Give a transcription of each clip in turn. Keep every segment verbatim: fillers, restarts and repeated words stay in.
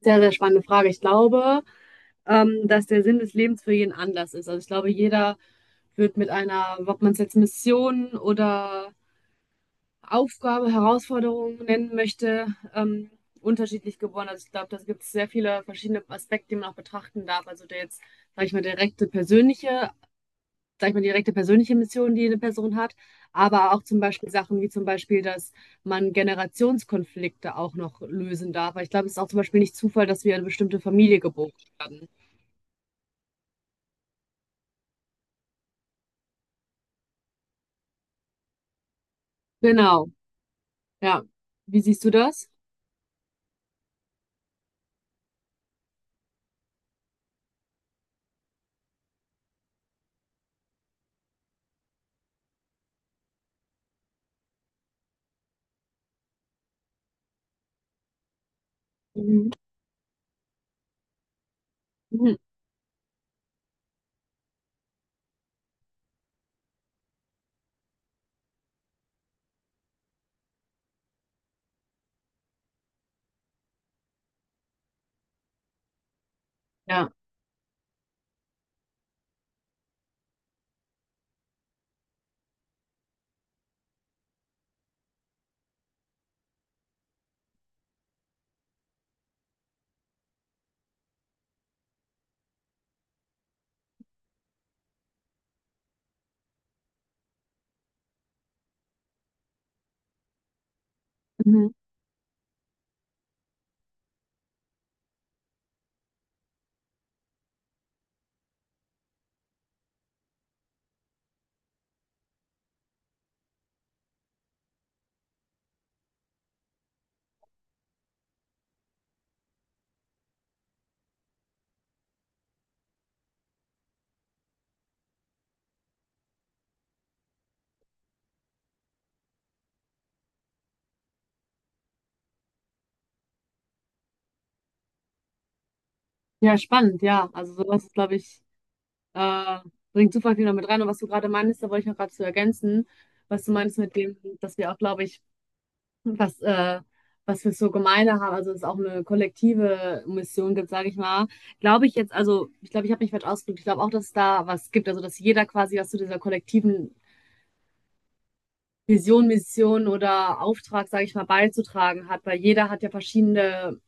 Sehr, sehr spannende Frage. Ich glaube, ähm, dass der Sinn des Lebens für jeden anders ist. Also ich glaube, jeder wird mit einer, ob man es jetzt Mission oder Aufgabe, Herausforderung nennen möchte, ähm, unterschiedlich geboren. Also ich glaube, da gibt es sehr viele verschiedene Aspekte, die man auch betrachten darf. Also der jetzt, sage ich mal, direkte persönliche Sag ich mal, direkte persönliche Mission, die eine Person hat, aber auch zum Beispiel Sachen wie zum Beispiel, dass man Generationskonflikte auch noch lösen darf. Weil ich glaube, es ist auch zum Beispiel nicht Zufall, dass wir eine bestimmte Familie geboren werden. Genau, ja. Wie siehst du das? Mhm. Mhm. Ja. Mhm. Ja, spannend, ja. Also sowas, glaube ich, äh, bringt super viel noch mit rein. Und was du gerade meinst, da wollte ich noch gerade zu ergänzen, was du meinst mit dem, dass wir auch, glaube ich, was, äh, was wir so gemeiner haben, also dass es auch eine kollektive Mission gibt, sage ich mal, glaube ich jetzt, also ich glaube, ich habe mich falsch ausgedrückt, ich glaube auch, dass es da was gibt, also dass jeder quasi was zu dieser kollektiven Vision, Mission oder Auftrag, sage ich mal, beizutragen hat, weil jeder hat ja verschiedene,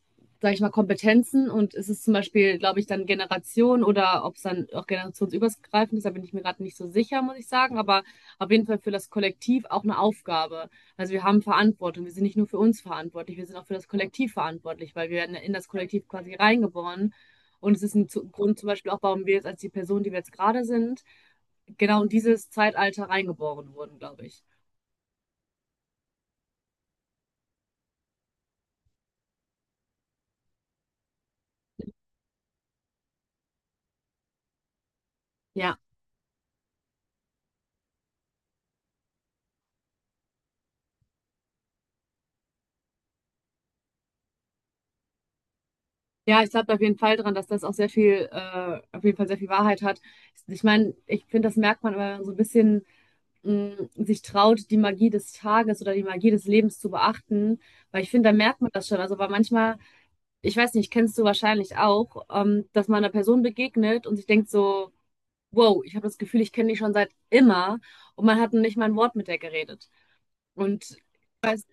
sage ich mal, Kompetenzen und es ist zum Beispiel, glaube ich, dann Generation oder ob es dann auch generationsübergreifend ist, da bin ich mir gerade nicht so sicher, muss ich sagen, aber auf jeden Fall für das Kollektiv auch eine Aufgabe. Also wir haben Verantwortung, wir sind nicht nur für uns verantwortlich, wir sind auch für das Kollektiv verantwortlich, weil wir werden in das Kollektiv quasi reingeboren und es ist ein zu- Grund zum Beispiel auch, warum wir jetzt als die Person, die wir jetzt gerade sind, genau in dieses Zeitalter reingeboren wurden, glaube ich. Ja, ja, ich glaube auf jeden Fall dran, dass das auch sehr viel, äh, auf jeden Fall sehr viel Wahrheit hat. Ich meine, ich finde, das merkt man, wenn man so ein bisschen mh, sich traut, die Magie des Tages oder die Magie des Lebens zu beachten, weil ich finde, da merkt man das schon. Also, weil manchmal, ich weiß nicht, kennst du wahrscheinlich auch, ähm, dass man einer Person begegnet und sich denkt so, wow, ich habe das Gefühl, ich kenne die schon seit immer und man hat nicht mal ein Wort mit der geredet. Und ich weiß,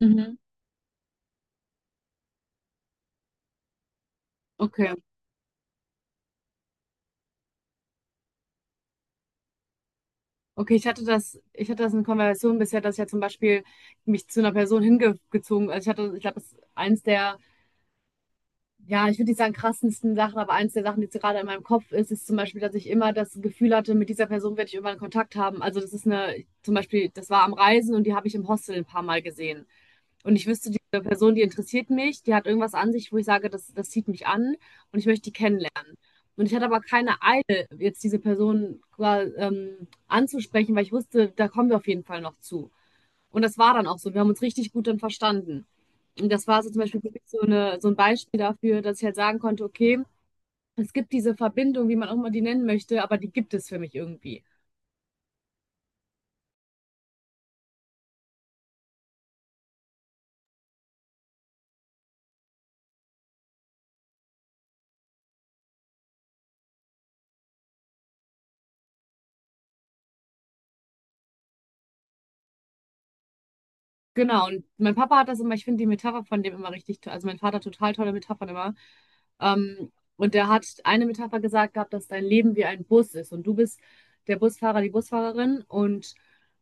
mhm, okay. Okay, ich hatte das, ich hatte das in Konversation bisher, dass ich ja zum Beispiel mich zu einer Person hingezogen, also ich hatte, ich glaube, das ist eins der, ja, ich würde nicht sagen krassesten Sachen, aber eins der Sachen, die jetzt gerade in meinem Kopf ist, ist zum Beispiel, dass ich immer das Gefühl hatte, mit dieser Person werde ich irgendwann Kontakt haben. Also das ist eine, zum Beispiel, das war am Reisen und die habe ich im Hostel ein paar Mal gesehen. Und ich wüsste, diese Person, die interessiert mich, die hat irgendwas an sich, wo ich sage, das, das zieht mich an und ich möchte die kennenlernen. Und ich hatte aber keine Eile, jetzt diese Person quasi, ähm, anzusprechen, weil ich wusste, da kommen wir auf jeden Fall noch zu. Und das war dann auch so. Wir haben uns richtig gut dann verstanden. Und das war so zum Beispiel so, eine, so ein Beispiel dafür, dass ich halt sagen konnte, okay, es gibt diese Verbindung, wie man auch immer die nennen möchte, aber die gibt es für mich irgendwie. Genau, und mein Papa hat das immer, ich finde die Metapher von dem immer richtig toll, also mein Vater hat total tolle Metaphern immer. Ähm, und der hat eine Metapher gesagt gehabt, dass dein Leben wie ein Bus ist und du bist der Busfahrer, die Busfahrerin und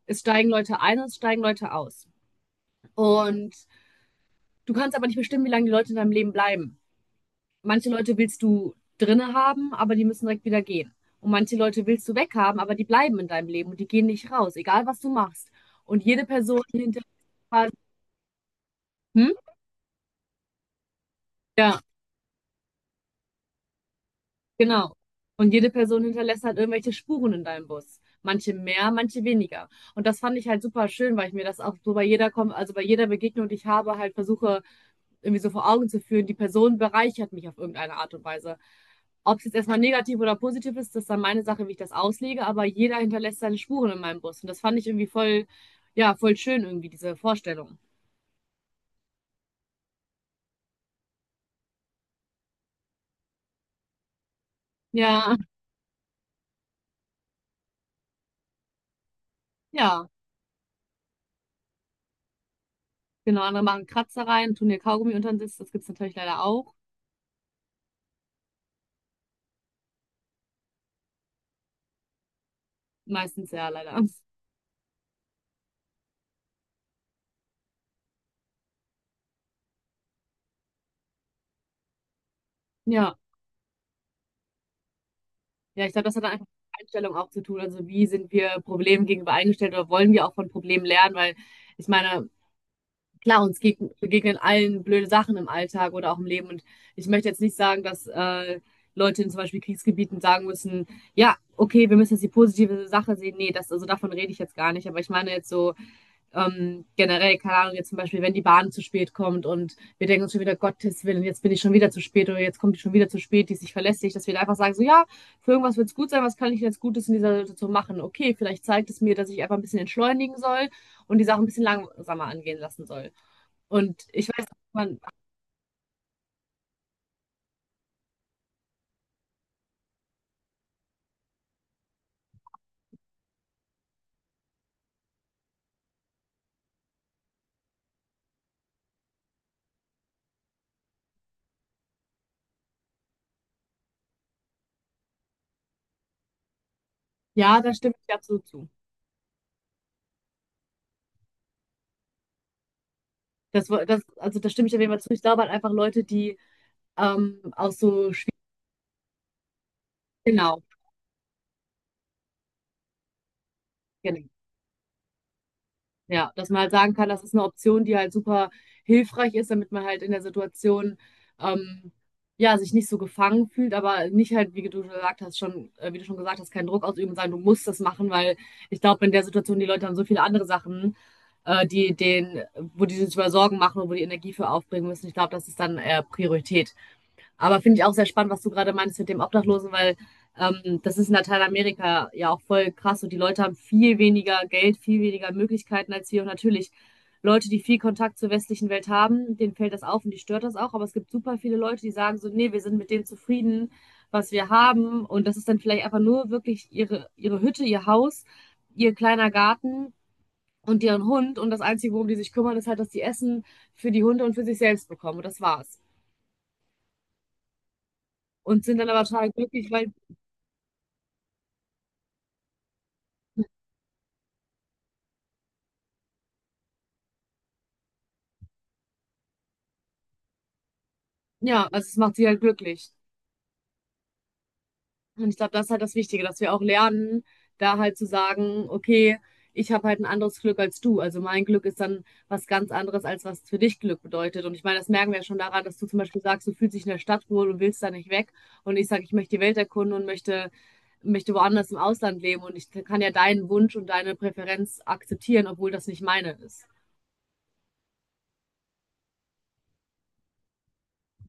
es steigen Leute ein und es steigen Leute aus. Und du kannst aber nicht bestimmen, wie lange die Leute in deinem Leben bleiben. Manche Leute willst du drinne haben, aber die müssen direkt wieder gehen. Und manche Leute willst du weghaben, aber die bleiben in deinem Leben und die gehen nicht raus, egal was du machst. Und jede Person hinter hm? Ja. Genau. Und jede Person hinterlässt halt irgendwelche Spuren in deinem Bus. Manche mehr, manche weniger. Und das fand ich halt super schön, weil ich mir das auch so bei jeder, Kom- also bei jeder Begegnung, die ich habe, halt versuche, irgendwie so vor Augen zu führen, die Person bereichert mich auf irgendeine Art und Weise. Ob es jetzt erstmal negativ oder positiv ist, das ist dann meine Sache, wie ich das auslege, aber jeder hinterlässt seine Spuren in meinem Bus. Und das fand ich irgendwie voll, ja, voll schön irgendwie, diese Vorstellung. Ja, ja, genau. Andere machen Kratzer rein, tun ihr Kaugummi unter den Sitz, das gibt's natürlich leider auch. Meistens ja, leider. Ja, ja, ich glaube, das hat dann einfach mit Einstellung auch zu tun. Also wie sind wir Problemen gegenüber eingestellt oder wollen wir auch von Problemen lernen? Weil ich meine, klar, uns geg begegnen allen blöde Sachen im Alltag oder auch im Leben. Und ich möchte jetzt nicht sagen, dass äh, Leute in zum Beispiel Kriegsgebieten sagen müssen, ja, okay, wir müssen jetzt die positive Sache sehen. Nee, das, also davon rede ich jetzt gar nicht. Aber ich meine jetzt so, ähm, generell, keine Ahnung, jetzt zum Beispiel, wenn die Bahn zu spät kommt und wir denken uns schon wieder, Gottes Willen, jetzt bin ich schon wieder zu spät oder jetzt kommt die schon wieder zu spät, die ist nicht verlässlich, dass wir da einfach sagen, so ja, für irgendwas wird es gut sein, was kann ich jetzt Gutes in dieser Situation machen? Okay, vielleicht zeigt es mir, dass ich einfach ein bisschen entschleunigen soll und die Sache ein bisschen langsamer angehen lassen soll. Und ich weiß, man, ja, da stimme ich dir absolut zu. Das, wo- das, also da stimme ich auf jeden Fall zu. Ich glaube halt einfach Leute, die ähm, aus so schwierigen, genau, genau. Ja, dass man halt sagen kann, das ist eine Option, die halt super hilfreich ist, damit man halt in der Situation ähm, ja sich nicht so gefangen fühlt, aber nicht halt, wie du schon gesagt hast, schon, äh, wie du schon gesagt hast, keinen Druck ausüben und sagen, du musst das machen, weil ich glaube, in der Situation, die Leute haben so viele andere Sachen, äh, die den, wo die sich über Sorgen machen und wo die Energie für aufbringen müssen. Ich glaube, das ist dann eher Priorität. Aber finde ich auch sehr spannend, was du gerade meinst mit dem Obdachlosen, weil ähm, das ist in Lateinamerika ja auch voll krass und die Leute haben viel weniger Geld, viel weniger Möglichkeiten als wir. Und natürlich, Leute, die viel Kontakt zur westlichen Welt haben, denen fällt das auf und die stört das auch. Aber es gibt super viele Leute, die sagen so, nee, wir sind mit dem zufrieden, was wir haben. Und das ist dann vielleicht einfach nur wirklich ihre, ihre Hütte, ihr Haus, ihr kleiner Garten und deren Hund. Und das Einzige, worum die sich kümmern, ist halt, dass die Essen für die Hunde und für sich selbst bekommen. Und das war's. Und sind dann aber total glücklich, weil ja, also es macht sie halt glücklich. Und ich glaube, das ist halt das Wichtige, dass wir auch lernen, da halt zu sagen, okay, ich habe halt ein anderes Glück als du. Also mein Glück ist dann was ganz anderes, als was für dich Glück bedeutet. Und ich meine, das merken wir ja schon daran, dass du zum Beispiel sagst, du fühlst dich in der Stadt wohl und willst da nicht weg. Und ich sage, ich möchte die Welt erkunden und möchte, möchte woanders im Ausland leben. Und ich kann ja deinen Wunsch und deine Präferenz akzeptieren, obwohl das nicht meine ist.